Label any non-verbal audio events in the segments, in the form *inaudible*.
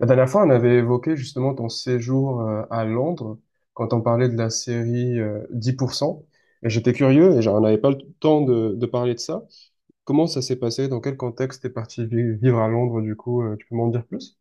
La dernière fois, on avait évoqué justement ton séjour à Londres quand on parlait de la série 10%. Et j'étais curieux et j'en avais pas le temps de parler de ça. Comment ça s'est passé? Dans quel contexte t'es parti vivre à Londres du coup? Tu peux m'en dire plus?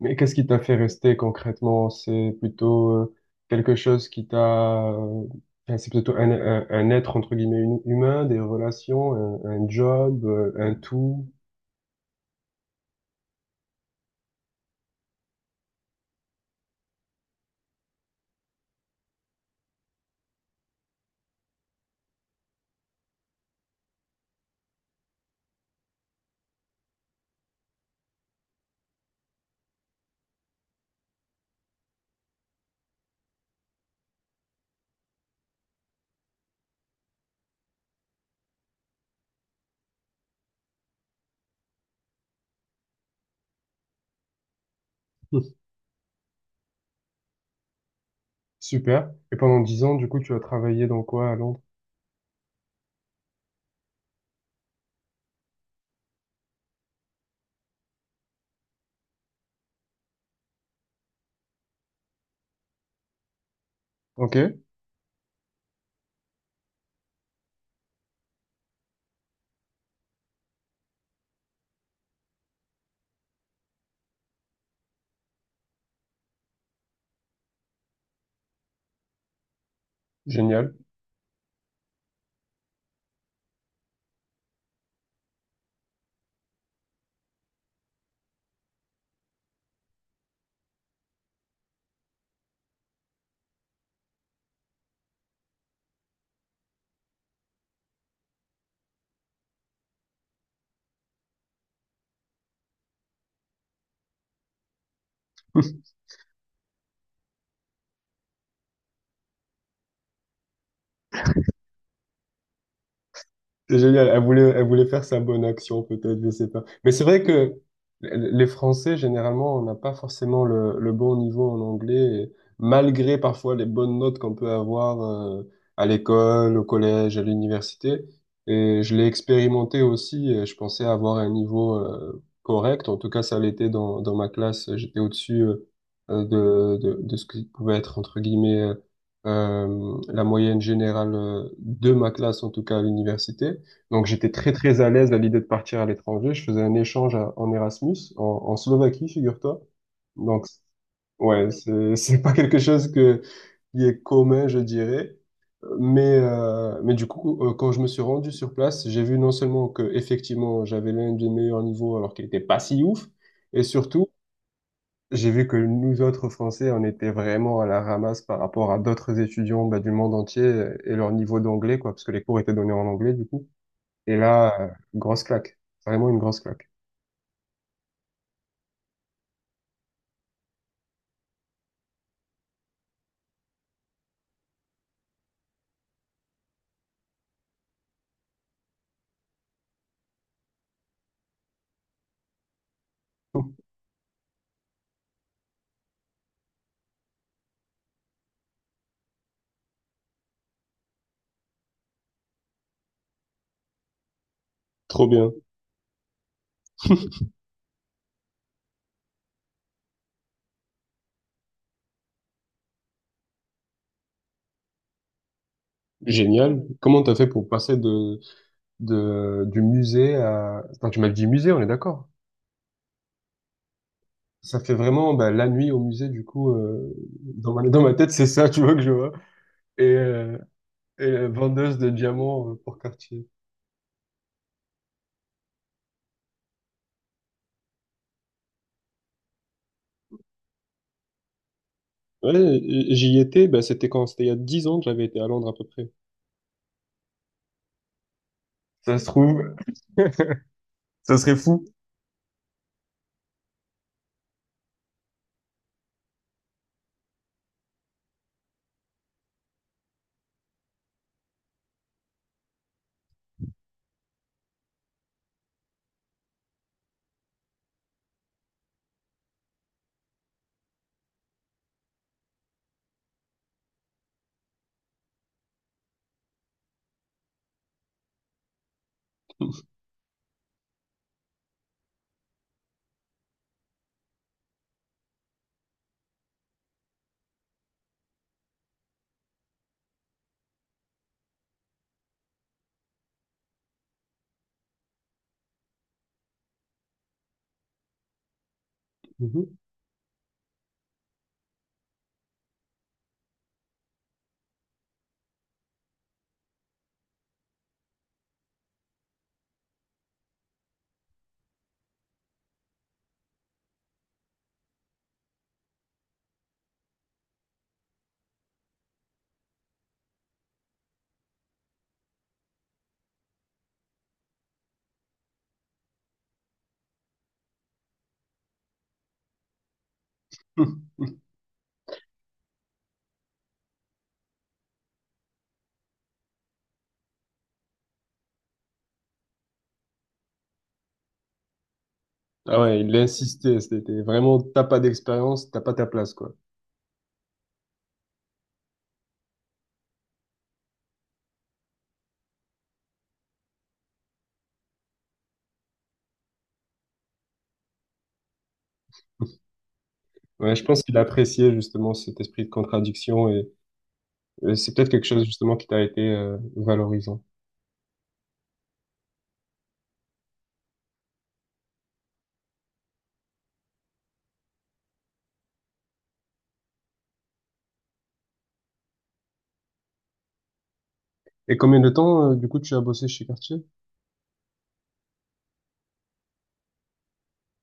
Mais qu'est-ce qui t'a fait rester concrètement? C'est plutôt quelque chose qui t'a... enfin, c'est plutôt un être entre guillemets humain, des relations, un job, un tout. *laughs* Super. Et pendant 10 ans, du coup, tu as travaillé dans quoi à Londres? Ok. Génial. *laughs* C'est génial. Elle voulait faire sa bonne action, peut-être, je sais pas. Mais c'est vrai que les Français, généralement, on n'a pas forcément le bon niveau en anglais, et malgré parfois les bonnes notes qu'on peut avoir à l'école, au collège, à l'université. Et je l'ai expérimenté aussi. Je pensais avoir un niveau correct. En tout cas, ça l'était dans ma classe. J'étais au-dessus de ce qui pouvait être, entre guillemets, la moyenne générale de ma classe, en tout cas à l'université. Donc j'étais très très à l'aise à l'idée de partir à l'étranger. Je faisais un échange en Erasmus, en Slovaquie, figure-toi. Donc ouais, c'est *laughs* c'est pas quelque chose qui est commun, je dirais. Mais du coup, quand je me suis rendu sur place, j'ai vu non seulement que effectivement j'avais l'un des meilleurs niveaux alors qu'il était pas si ouf, et surtout j'ai vu que nous autres Français, on était vraiment à la ramasse par rapport à d'autres étudiants bah, du monde entier et leur niveau d'anglais quoi, parce que les cours étaient donnés en anglais du coup. Et là, grosse claque. Vraiment une grosse claque. *laughs* Trop bien. Génial. Comment t'as fait pour passer du musée à... Attends, tu m'as dit musée, on est d'accord. Ça fait vraiment bah, la nuit au musée, du coup, dans ma tête, c'est ça, tu vois, que je vois. Et, euh, et la vendeuse de diamants pour Cartier. Ouais, j'y étais, bah, c'était quand? C'était il y a 10 ans que j'avais été à Londres à peu près. Ça se trouve, *laughs* ça serait fou. Mhm. *laughs* Ah ouais, il a insisté, c'était vraiment, t'as pas d'expérience, t'as pas ta place, quoi. Ouais, je pense qu'il appréciait justement cet esprit de contradiction et c'est peut-être quelque chose justement qui t'a été valorisant. Et combien de temps du coup tu as bossé chez Cartier?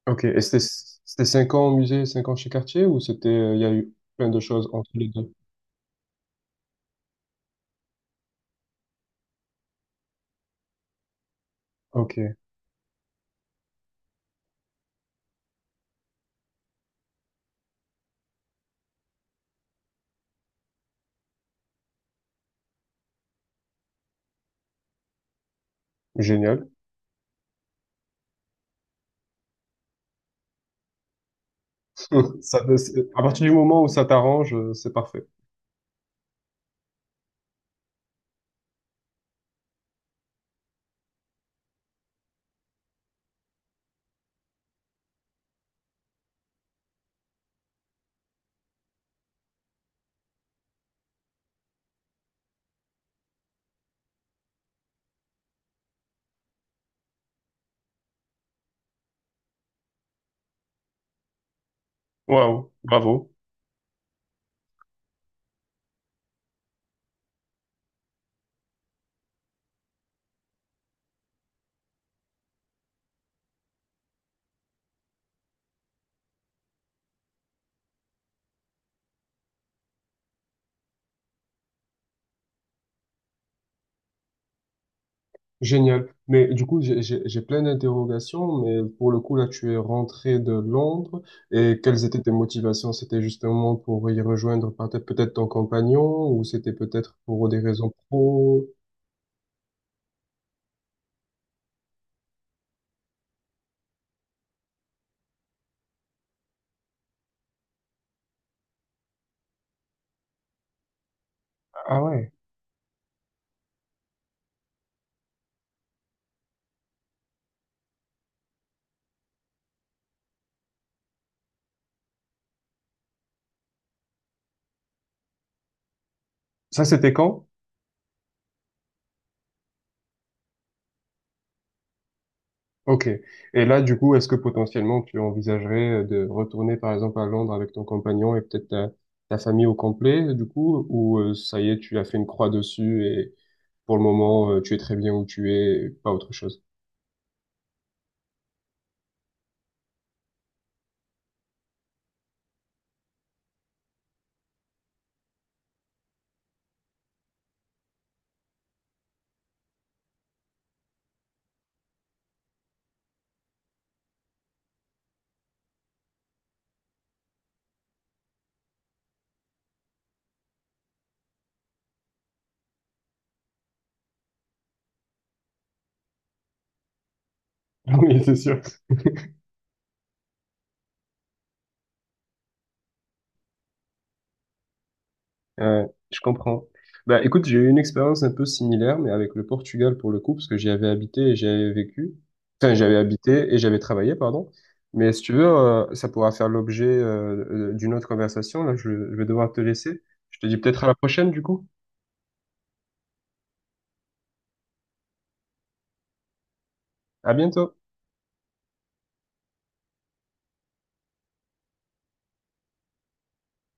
Ok, et c'était 5 ans au musée, 5 ans chez Cartier ou c'était il y a eu plein de choses entre les deux? Ok, génial. *laughs* Ça, à partir du moment où ça t'arrange, c'est parfait. Waouh, bravo. Génial. Mais du coup, j'ai plein d'interrogations, mais pour le coup, là, tu es rentré de Londres et quelles étaient tes motivations? C'était justement pour y rejoindre peut-être peut-être ton compagnon ou c'était peut-être pour des raisons pro? Ah ouais. Ça, c'était quand? Ok. Et là, du coup, est-ce que potentiellement tu envisagerais de retourner, par exemple, à Londres avec ton compagnon et peut-être ta famille au complet, du coup, ou ça y est, tu as fait une croix dessus et pour le moment, tu es très bien où tu es, pas autre chose? *laughs* Oui, c'est sûr. Ouais, je comprends. Bah, écoute, j'ai eu une expérience un peu similaire, mais avec le Portugal pour le coup, parce que j'y avais habité et j'y avais vécu. Enfin, j'avais habité et j'avais travaillé, pardon. Mais si tu veux, ça pourra faire l'objet d'une autre conversation. Là, je vais devoir te laisser. Je te dis peut-être à la prochaine, du coup. À bientôt.